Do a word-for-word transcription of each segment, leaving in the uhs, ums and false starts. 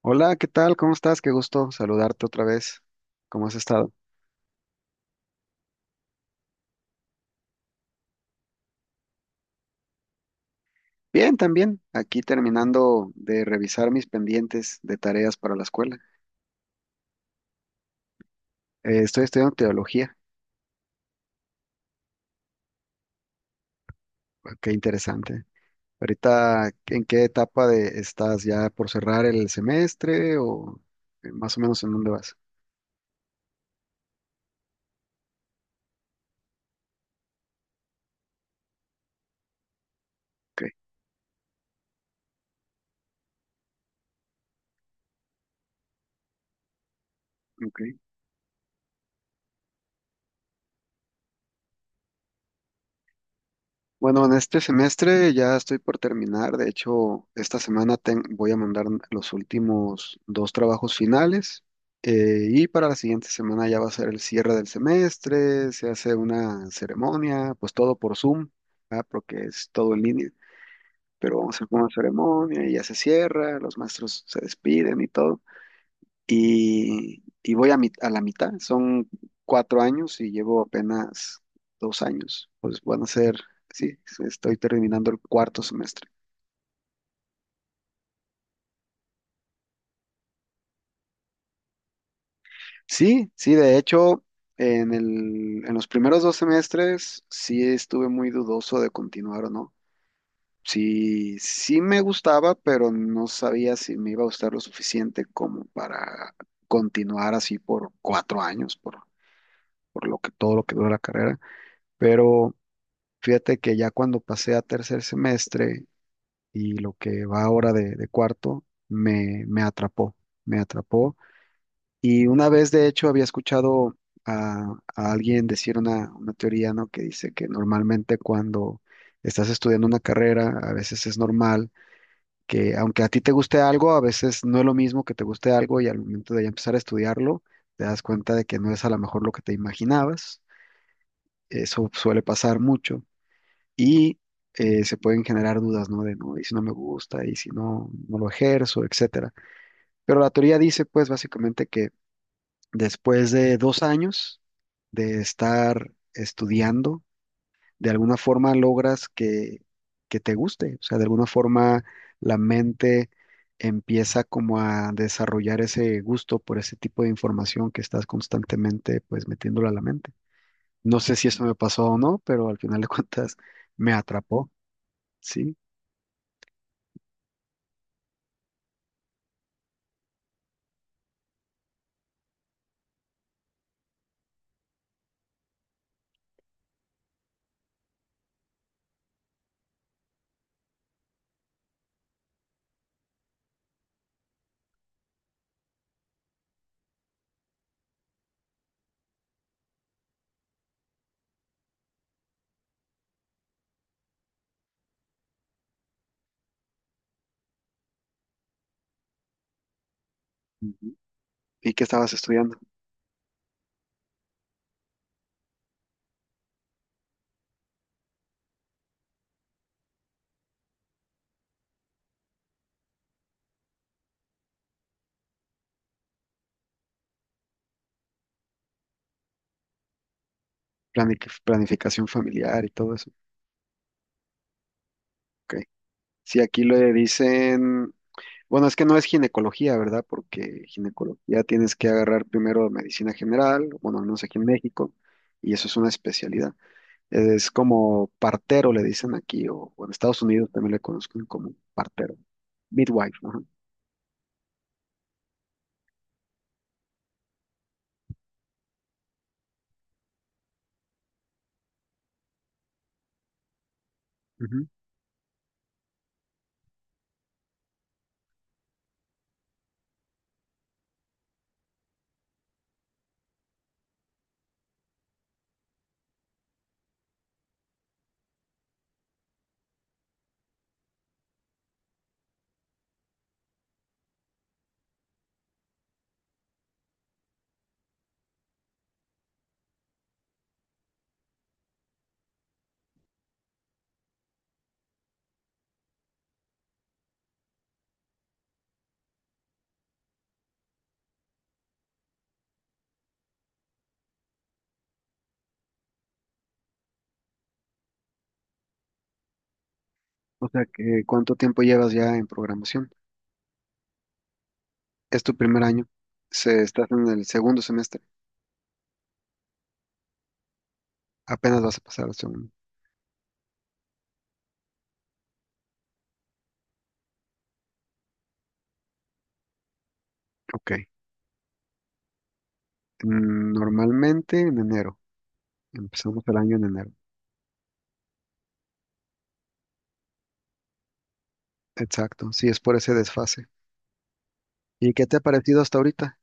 Hola, ¿qué tal? ¿Cómo estás? Qué gusto saludarte otra vez. ¿Cómo has estado? Bien, también. Aquí terminando de revisar mis pendientes de tareas para la escuela. Eh, estoy estudiando teología. Ah, qué interesante. Ahorita, ¿en qué etapa de estás? ¿Ya por cerrar el semestre o eh, más o menos en dónde vas? Ok, ok. Bueno, en este semestre ya estoy por terminar. De hecho, esta semana ten- voy a mandar los últimos dos trabajos finales, eh, y para la siguiente semana ya va a ser el cierre del semestre, se hace una ceremonia, pues todo por Zoom, ah, porque es todo en línea, pero vamos a hacer una ceremonia y ya se cierra, los maestros se despiden y todo y, y voy a, mi- a la mitad. Son cuatro años y llevo apenas dos años. Pues van a ser, sí, estoy terminando el cuarto semestre. Sí, sí, de hecho, en el, en los primeros dos semestres sí estuve muy dudoso de continuar o no. Sí, sí me gustaba, pero no sabía si me iba a gustar lo suficiente como para continuar así por cuatro años, por, por lo que todo lo que dura la carrera. Pero fíjate que ya cuando pasé a tercer semestre y lo que va ahora de, de cuarto, me, me atrapó, me atrapó. Y una vez, de hecho, había escuchado a, a alguien decir una, una teoría, ¿no? Que dice que normalmente cuando estás estudiando una carrera, a veces es normal que aunque a ti te guste algo, a veces no es lo mismo que te guste algo y al momento de ya empezar a estudiarlo, te das cuenta de que no es a lo mejor lo que te imaginabas. Eso suele pasar mucho y eh, se pueden generar dudas, ¿no? De, no, y si no me gusta, y si no, no lo ejerzo, etcétera. Pero la teoría dice, pues, básicamente que después de dos años de estar estudiando, de alguna forma logras que, que te guste, o sea, de alguna forma la mente empieza como a desarrollar ese gusto por ese tipo de información que estás constantemente, pues, metiéndola a la mente. No sé si eso me pasó o no, pero al final de cuentas me atrapó, ¿sí? ¿Y qué estabas estudiando? Planic- planificación familiar y todo eso. Ok. Sí, aquí le dicen, bueno, es que no es ginecología, ¿verdad? Porque ginecología tienes que agarrar primero medicina general, bueno, al menos aquí en México, y eso es una especialidad. Es como partero, le dicen aquí, o, o en Estados Unidos también le conocen como partero, midwife, ajá. Ujú. O sea, que ¿cuánto tiempo llevas ya en programación? Es tu primer año, se, estás en el segundo semestre, apenas vas a pasar al segundo. Ok. Mm, normalmente en enero. Empezamos el año en enero. Exacto. Sí, es por ese desfase. ¿Y qué te ha parecido hasta ahorita?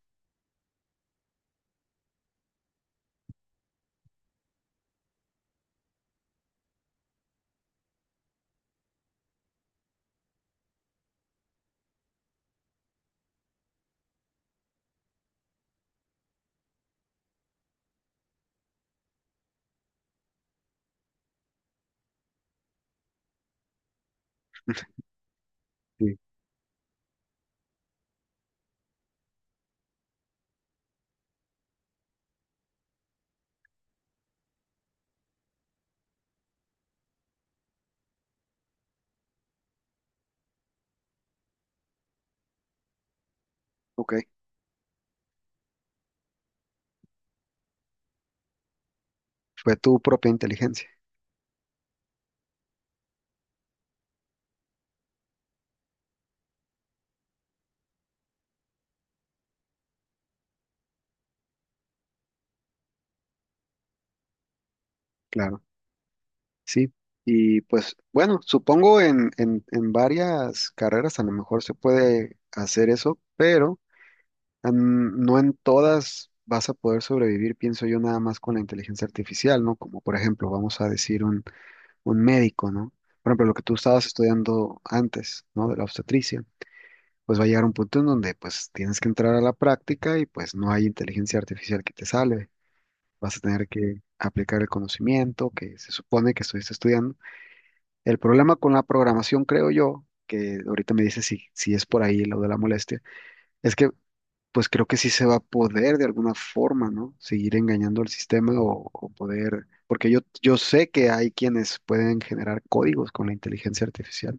Sí. Ok. Fue tu propia inteligencia. Claro. Sí. Y pues bueno, supongo en, en, en varias carreras a lo mejor se puede hacer eso, pero mm, no en todas vas a poder sobrevivir, pienso yo, nada más con la inteligencia artificial, ¿no? Como por ejemplo, vamos a decir un, un médico, ¿no? Por ejemplo, lo que tú estabas estudiando antes, ¿no? De la obstetricia. Pues va a llegar un punto en donde pues tienes que entrar a la práctica y pues no hay inteligencia artificial que te salve. Vas a tener que aplicar el conocimiento que se supone que estuviste estudiando. El problema con la programación, creo yo, que ahorita me dice si, si es por ahí lo de la molestia, es que pues creo que sí se va a poder de alguna forma, ¿no? Seguir engañando al sistema o, o poder, porque yo, yo sé que hay quienes pueden generar códigos con la inteligencia artificial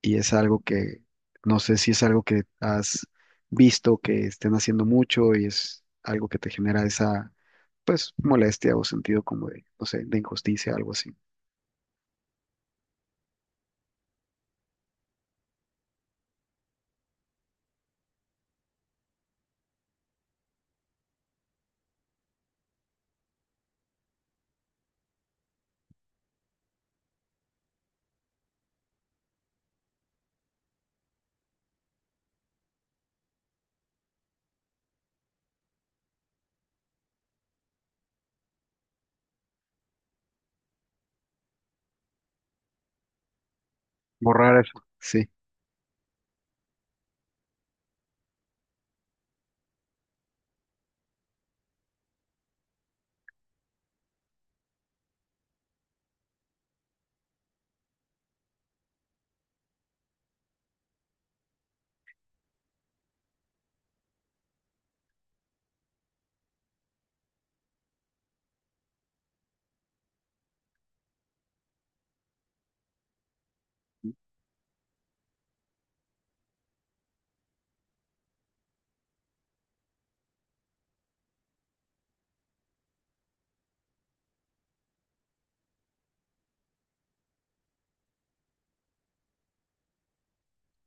y es algo que no sé si es algo que has visto que estén haciendo mucho y es algo que te genera esa pues molestia o sentido como de, no sé, de injusticia, algo así. Borrar eso. Sí,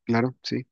claro, sí,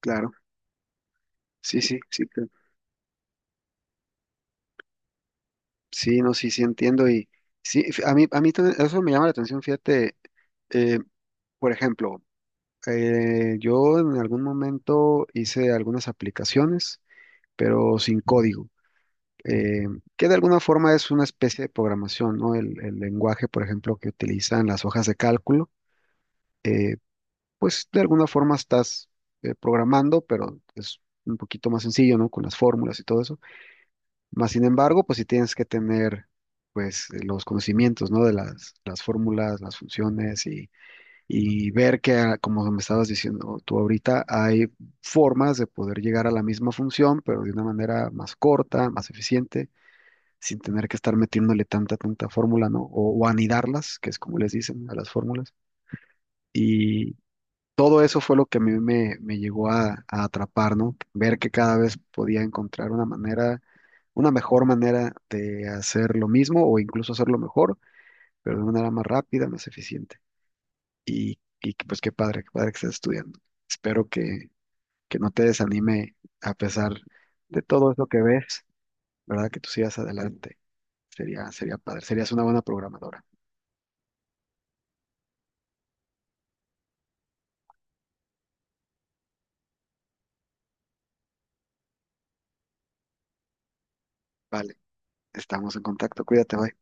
claro. Sí, sí, sí, te- sí, no, sí, sí entiendo y sí, f- a mí, a mí también eso me llama la atención, fíjate, eh, por ejemplo, eh, yo en algún momento hice algunas aplicaciones, pero sin código. eh, que de alguna forma es una especie de programación, ¿no? El, el lenguaje, por ejemplo, que utilizan las hojas de cálculo, eh, pues de alguna forma estás eh, programando, pero es un poquito más sencillo, ¿no? Con las fórmulas y todo eso. Más sin embargo, pues sí tienes que tener, pues, eh, los conocimientos, ¿no? De las, las fórmulas, las funciones y, y ver que, ah, como me estabas diciendo tú ahorita, hay formas de poder llegar a la misma función, pero de una manera más corta, más eficiente sin tener que estar metiéndole tanta, tanta fórmula, ¿no? O, o anidarlas, que es como les dicen a las fórmulas. Y todo eso fue lo que a mí me, me llegó a, a atrapar, ¿no? Ver que cada vez podía encontrar una manera, una mejor manera de hacer lo mismo o incluso hacerlo mejor, pero de una manera más rápida, más eficiente. Y, y que, pues qué padre, qué padre que estés estudiando. Espero que, que no te desanime a pesar de todo eso que ves, ¿verdad? Que tú sigas adelante. Sería, sería padre, serías una buena programadora. Vale, estamos en contacto. Cuídate, bye.